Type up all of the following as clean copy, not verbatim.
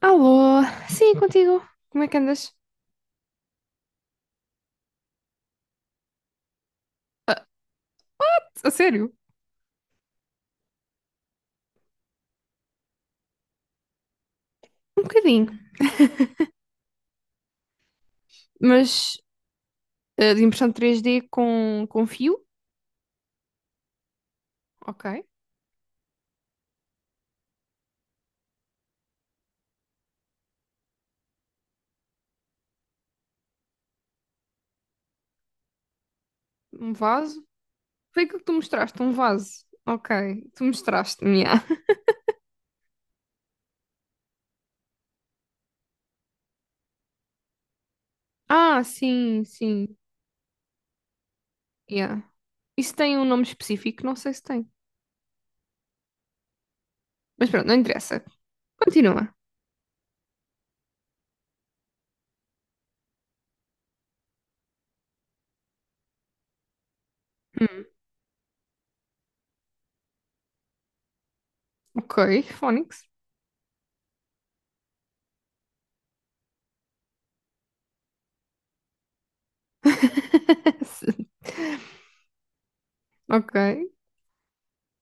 Alô, sim, contigo. Como é que andas? A sério? Um bocadinho, mas de impressão três d com fio, ok. Um vaso. Foi aquilo que tu mostraste, um vaso. Ok, tu mostraste-me, yeah. Ah, sim, sim, yeah. Isso tem um nome específico? Não sei se tem. Mas pronto, não interessa. Continua. Hum, ok, Phonics. Ok.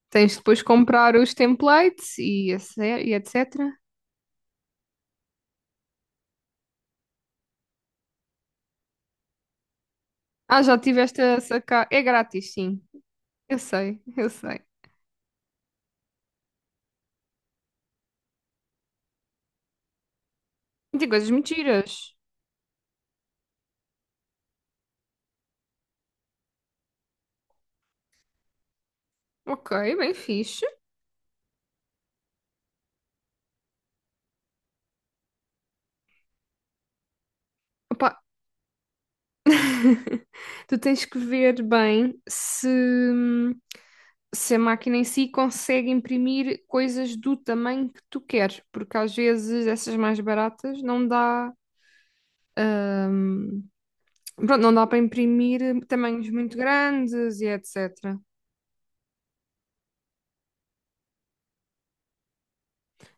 Tens de depois comprar os templates e etc. Ah, já tiveste a sacar. É grátis, sim. Eu sei, eu sei. Tem coisas mentiras. Ok, bem fixe. Opa, tu tens que ver bem se a máquina em si consegue imprimir coisas do tamanho que tu queres, porque às vezes essas mais baratas não dá, pronto, não dá para imprimir tamanhos muito grandes e etc.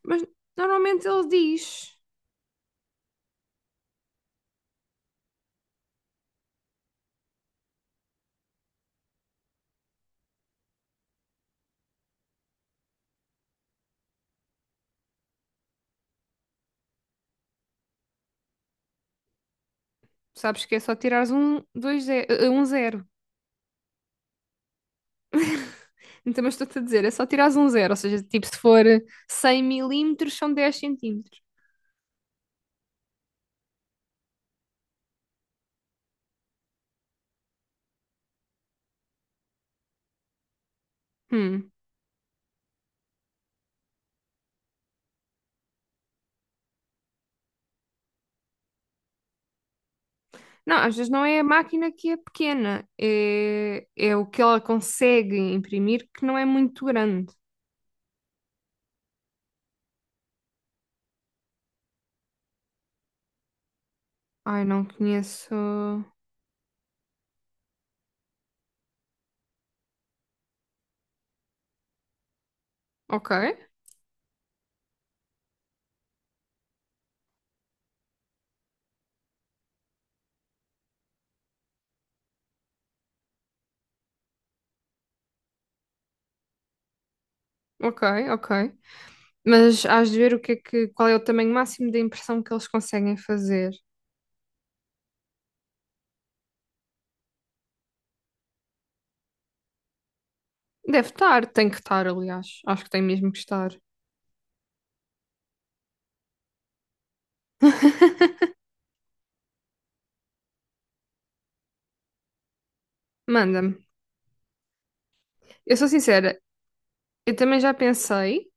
Mas normalmente ele diz, sabes que é só tirares um, um zero. Então, mas estou-te a dizer, é só tirares um zero, ou seja, tipo, se for 100 milímetros, são dez centímetros. Hum. Não, às vezes não é a máquina que é pequena, é, é o que ela consegue imprimir que não é muito grande. Ai, não conheço. Ok, ok, ok. Mas hás de ver o que é que, qual é o tamanho máximo da impressão que eles conseguem fazer. Deve estar, tem que estar, aliás. Acho que tem mesmo que estar. Manda-me. Eu sou sincera, eu também já pensei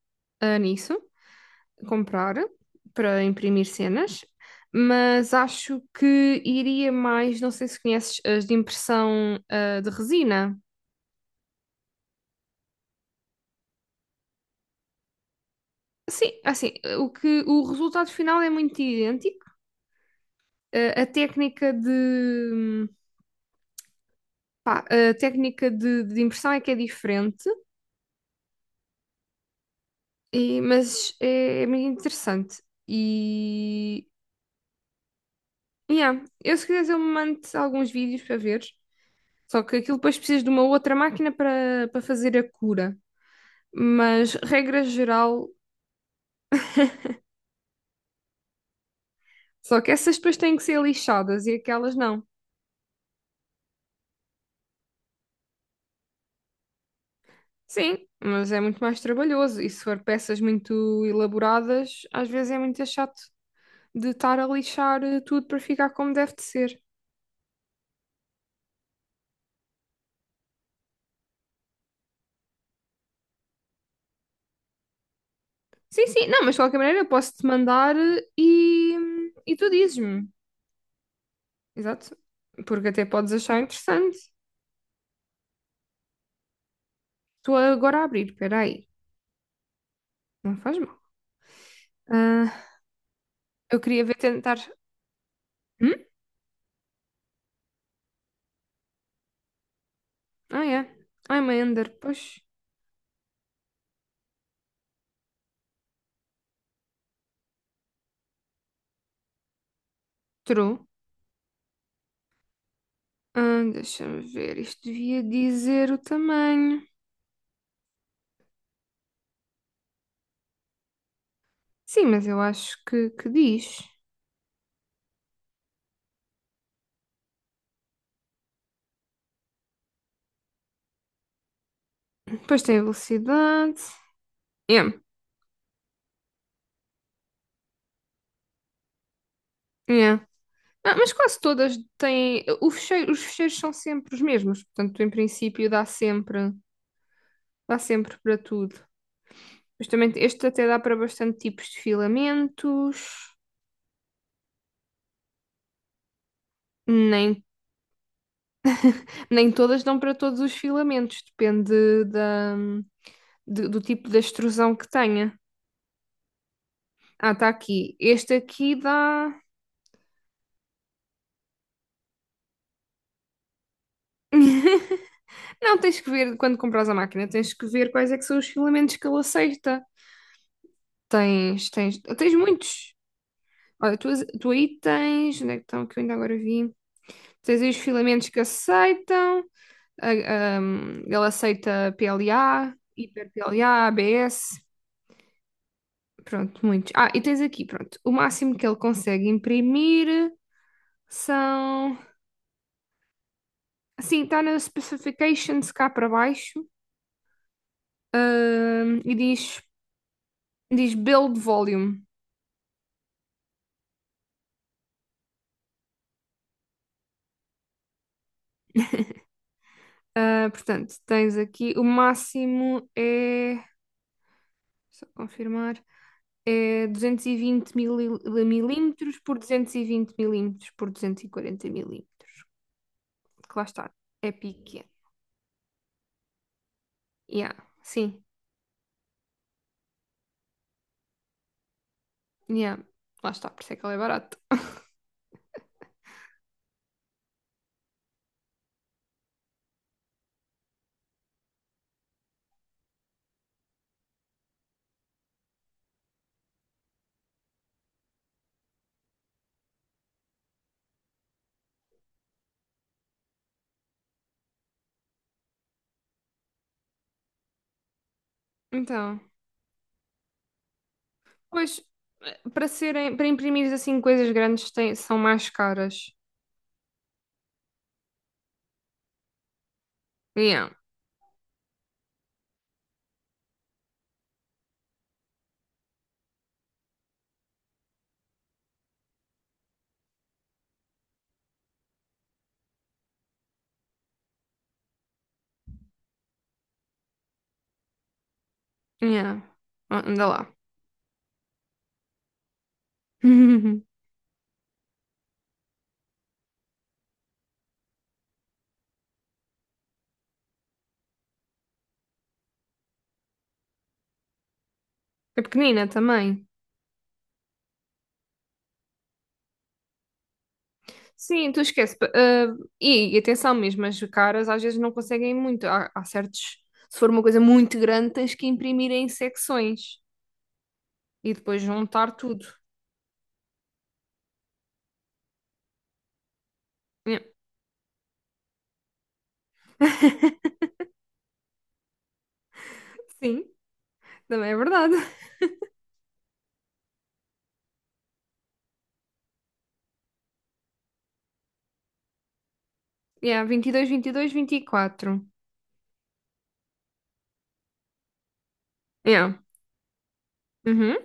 nisso. Comprar para imprimir cenas, mas acho que iria mais, não sei se conheces as de impressão de resina. Sim, assim, o que o resultado final é muito idêntico. Ah, a técnica de a técnica de impressão é que é diferente, e- mas é, é muito interessante. E yeah, eu se quiseres eu mando alguns vídeos para ver. Só que aquilo depois precisas de uma outra máquina para fazer a cura. Mas, regra geral, só que essas depois têm que ser lixadas e aquelas não. Sim, mas é muito mais trabalhoso. E se for peças muito elaboradas, às vezes é muito chato de estar a lixar tudo para ficar como deve de ser. Sim, sim, não, mas de qualquer maneira eu posso-te mandar e tu dizes-me. Exato. Porque até podes achar interessante. Estou agora a abrir, espera aí. Não faz mal. Ah, eu queria ver tentar. Hum? Ah, é. I'm a Ender, pois. True. Ah, deixa-me ver, isto devia dizer o tamanho. Sim, mas eu acho que diz. Depois tem a velocidade. Yeah, yeah. Ah, mas quase todas têm. O fecheiro- os fecheiros são sempre os mesmos, portanto, em princípio, dá sempre para tudo. Justamente este até dá para bastante tipos de filamentos. Nem, nem todas dão para todos os filamentos, depende de- do tipo de extrusão que tenha. Ah, está aqui. Este aqui dá. Não, tens que ver, quando compras a máquina, tens que ver quais é que são os filamentos que ele aceita. Tens muitos. Olha, tu aí tens, onde é que estão, que eu ainda agora vi? Tens aí os filamentos que aceitam, ele aceita PLA, hiper-PLA, ABS, pronto, muitos. Ah, e tens aqui, pronto, o máximo que ele consegue imprimir são, assim, está nas specifications cá para baixo, ahm, e diz, diz build volume. Ah, portanto, tens aqui o máximo é, só confirmar, é milímetros por 220 milímetros por 240 milímetros. Que lá está, é pequeno. Yeah, sim, yeah, lá está, por isso é que ela é barata. Então, pois, para imprimir assim coisas grandes têm- são mais caras. Yeah, yeah. Ah, anda lá. É pequenina também. Sim, tu esquece. E, e atenção mesmo, as caras às vezes não conseguem muito. Há, há certos. Se for uma coisa muito grande, tens que imprimir em secções e depois juntar tudo. Yeah. Sim, também é verdade. Yeah, 22, 22, 24. Yeah. Uhum,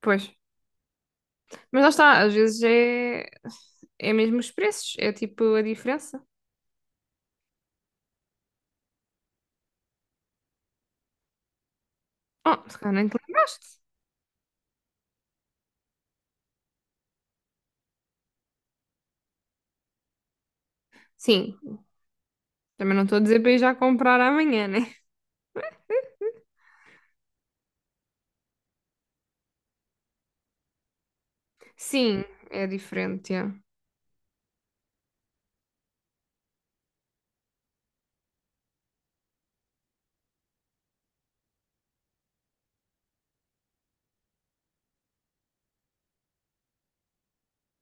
pois. Mas lá está, é mesmo os preços, é tipo a diferença. Oh, se calhar nem te lembraste. Sim, também não estou a dizer para ir já comprar amanhã, né? Sim, é diferente, é.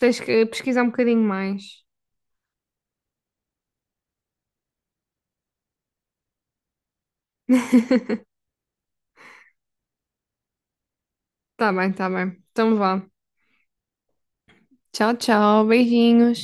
Tens que pesquisar um bocadinho mais. Tá bem, tá bem. Então vá. Tchau, tchau. Beijinhos.